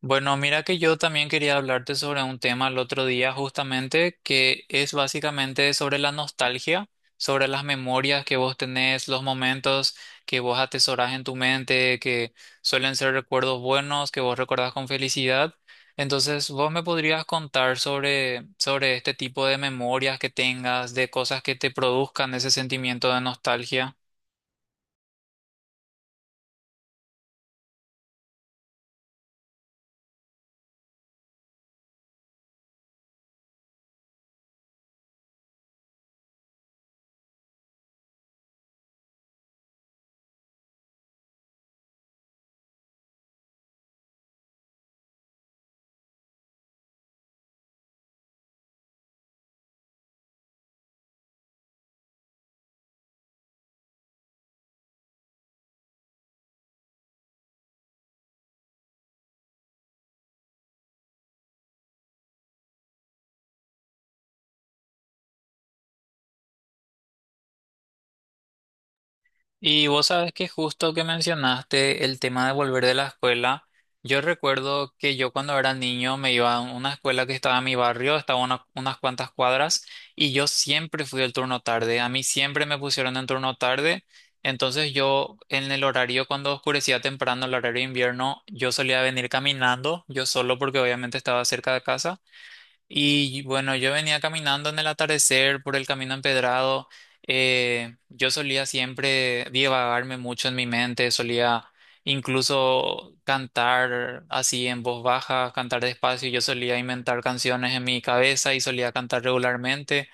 Bueno, mira que yo también quería hablarte sobre un tema el otro día justamente que es básicamente sobre la nostalgia, sobre las memorias que vos tenés, los momentos que vos atesorás en tu mente, que suelen ser recuerdos buenos, que vos recordás con felicidad. Entonces, vos me podrías contar sobre este tipo de memorias que tengas, de cosas que te produzcan ese sentimiento de nostalgia. Y vos sabes que justo que mencionaste el tema de volver de la escuela, yo recuerdo que yo cuando era niño me iba a una escuela que estaba en mi barrio, estaba a unas cuantas cuadras, y yo siempre fui al turno tarde, a mí siempre me pusieron en turno tarde, entonces yo en el horario cuando oscurecía temprano, el horario de invierno, yo solía venir caminando, yo solo porque obviamente estaba cerca de casa. Y bueno, yo venía caminando en el atardecer por el camino empedrado. Yo solía siempre divagarme mucho en mi mente, solía incluso cantar así en voz baja, cantar despacio. Yo solía inventar canciones en mi cabeza y solía cantar regularmente.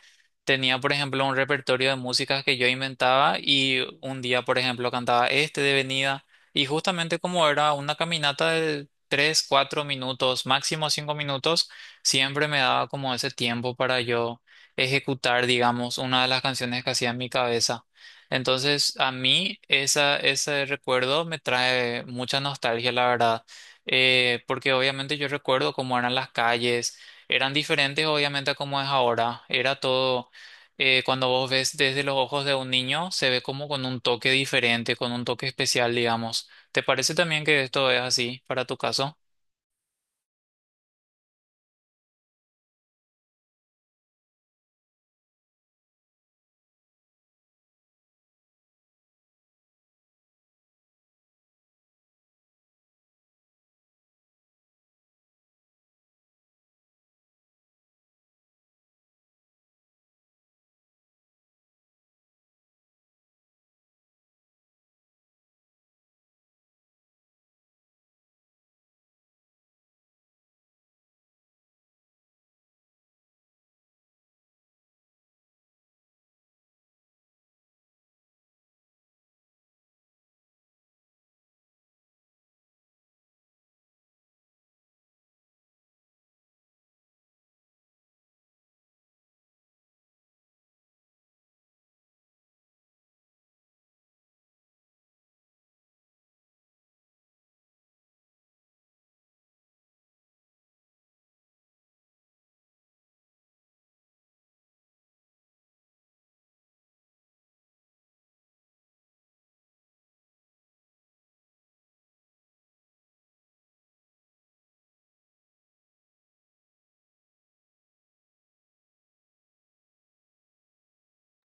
Tenía, por ejemplo, un repertorio de músicas que yo inventaba y un día, por ejemplo, cantaba este de venida. Y justamente como era una caminata de tres, cuatro minutos, máximo cinco minutos siempre me daba como ese tiempo para yo ejecutar, digamos, una de las canciones que hacía en mi cabeza. Entonces, a mí ese recuerdo me trae mucha nostalgia, la verdad. Porque obviamente yo recuerdo cómo eran las calles, eran diferentes obviamente a cómo es ahora, era todo. Cuando vos ves desde los ojos de un niño, se ve como con un toque diferente, con un toque especial, digamos. ¿Te parece también que esto es así para tu caso?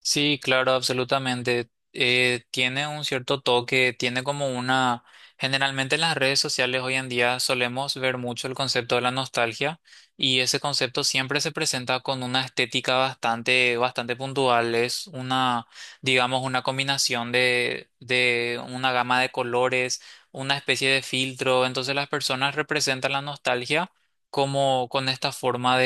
Sí, claro, absolutamente. Tiene un cierto toque, tiene como una. Generalmente en las redes sociales hoy en día solemos ver mucho el concepto de la nostalgia y ese concepto siempre se presenta con una estética bastante puntual. Es una, digamos, una combinación de una gama de colores, una especie de filtro. Entonces las personas representan la nostalgia como con esta forma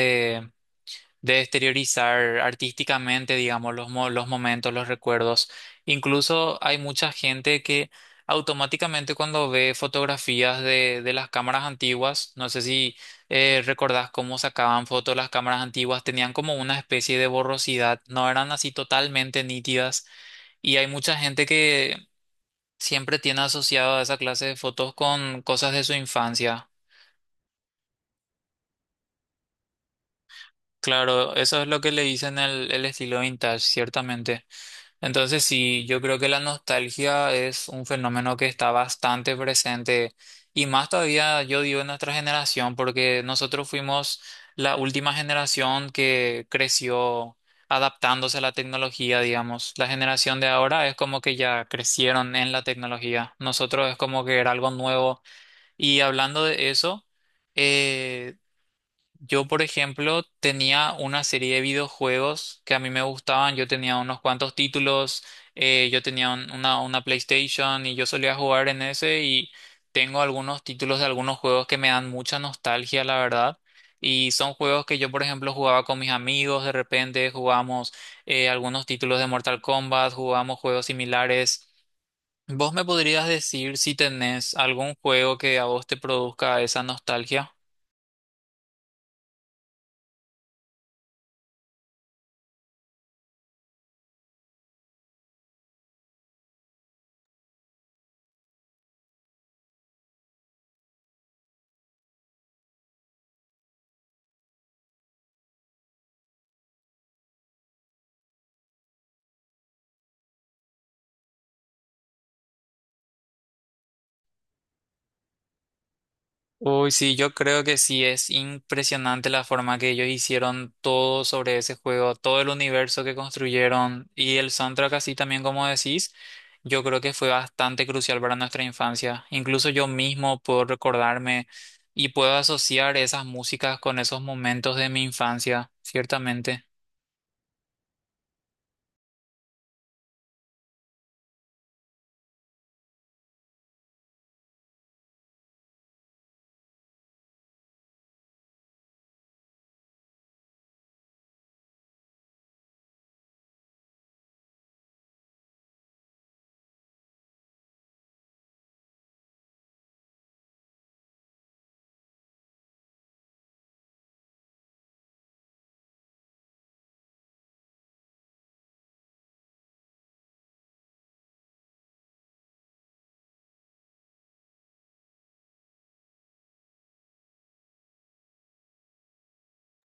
de exteriorizar artísticamente, digamos, los momentos, los recuerdos. Incluso hay mucha gente que automáticamente cuando ve fotografías de las cámaras antiguas, no sé si recordás cómo sacaban fotos las cámaras antiguas, tenían como una especie de borrosidad, no eran así totalmente nítidas. Y hay mucha gente que siempre tiene asociado a esa clase de fotos con cosas de su infancia. Claro, eso es lo que le dicen el estilo vintage, ciertamente. Entonces sí, yo creo que la nostalgia es un fenómeno que está bastante presente y más todavía yo digo en nuestra generación porque nosotros fuimos la última generación que creció adaptándose a la tecnología, digamos. La generación de ahora es como que ya crecieron en la tecnología. Nosotros es como que era algo nuevo y hablando de eso, eh, yo, por ejemplo, tenía una serie de videojuegos que a mí me gustaban. Yo tenía unos cuantos títulos, yo tenía una PlayStation y yo solía jugar en ese y tengo algunos títulos de algunos juegos que me dan mucha nostalgia, la verdad. Y son juegos que yo, por ejemplo, jugaba con mis amigos, de repente jugamos algunos títulos de Mortal Kombat, jugamos juegos similares. ¿Vos me podrías decir si tenés algún juego que a vos te produzca esa nostalgia? Uy, sí, yo creo que sí, es impresionante la forma que ellos hicieron todo sobre ese juego, todo el universo que construyeron y el soundtrack así también como decís, yo creo que fue bastante crucial para nuestra infancia. Incluso yo mismo puedo recordarme y puedo asociar esas músicas con esos momentos de mi infancia, ciertamente.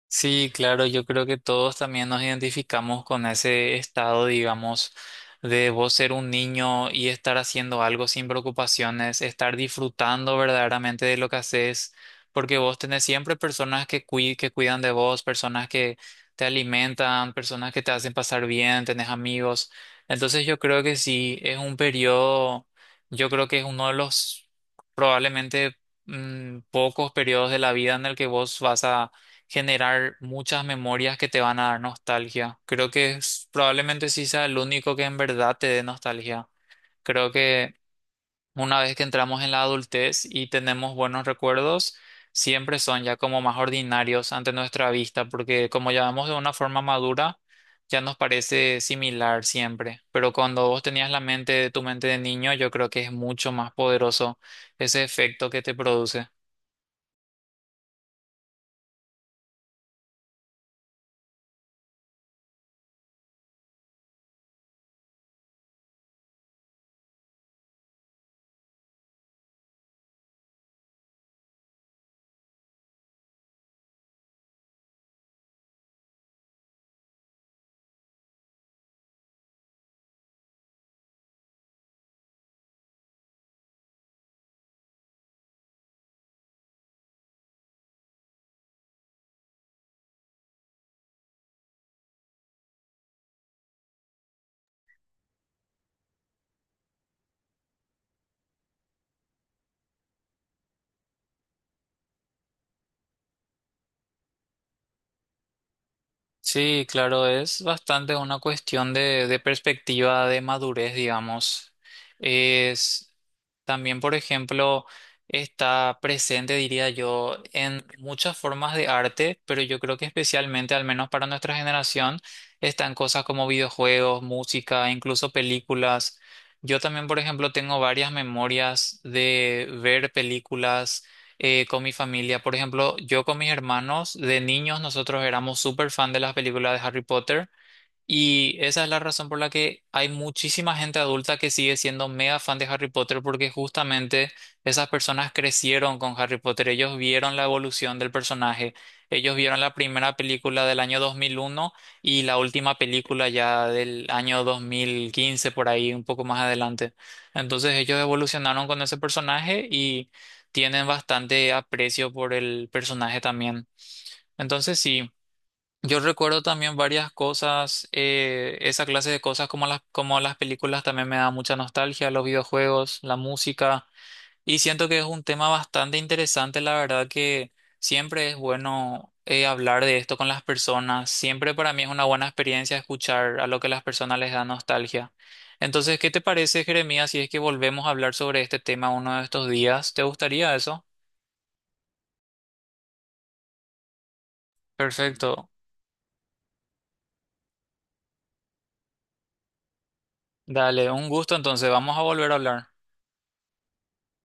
Sí, claro, yo creo que todos también nos identificamos con ese estado, digamos, de vos ser un niño y estar haciendo algo sin preocupaciones, estar disfrutando verdaderamente de lo que haces, porque vos tenés siempre personas que cuidan de vos, personas que te alimentan, personas que te hacen pasar bien, tenés amigos. Entonces yo creo que sí, es un periodo, yo creo que es uno de los probablemente pocos periodos de la vida en el que vos vas a generar muchas memorias que te van a dar nostalgia. Creo que probablemente sí sea el único que en verdad te dé nostalgia. Creo que una vez que entramos en la adultez y tenemos buenos recuerdos, siempre son ya como más ordinarios ante nuestra vista, porque como ya vamos de una forma madura, ya nos parece similar siempre. Pero cuando vos tenías tu mente de niño, yo creo que es mucho más poderoso ese efecto que te produce. Sí, claro, es bastante una cuestión de perspectiva, de madurez, digamos. Es también, por ejemplo, está presente, diría yo, en muchas formas de arte, pero yo creo que especialmente, al menos para nuestra generación, están cosas como videojuegos, música, incluso películas. Yo también, por ejemplo, tengo varias memorias de ver películas con mi familia. Por ejemplo, yo con mis hermanos, de niños nosotros éramos súper fan de las películas de Harry Potter. Y esa es la razón por la que hay muchísima gente adulta que sigue siendo mega fan de Harry Potter porque justamente esas personas crecieron con Harry Potter, ellos vieron la evolución del personaje, ellos vieron la primera película del año 2001 y la última película ya del año 2015 por ahí, un poco más adelante. Entonces ellos evolucionaron con ese personaje y tienen bastante aprecio por el personaje también. Entonces sí. Yo recuerdo también varias cosas, esa clase de cosas como como las películas también me da mucha nostalgia, los videojuegos, la música, y siento que es un tema bastante interesante, la verdad que siempre es bueno hablar de esto con las personas, siempre para mí es una buena experiencia escuchar a lo que las personas les da nostalgia. Entonces, ¿qué te parece, Jeremías, si es que volvemos a hablar sobre este tema uno de estos días? ¿Te gustaría eso? Perfecto, dale, un gusto, entonces vamos a volver a hablar.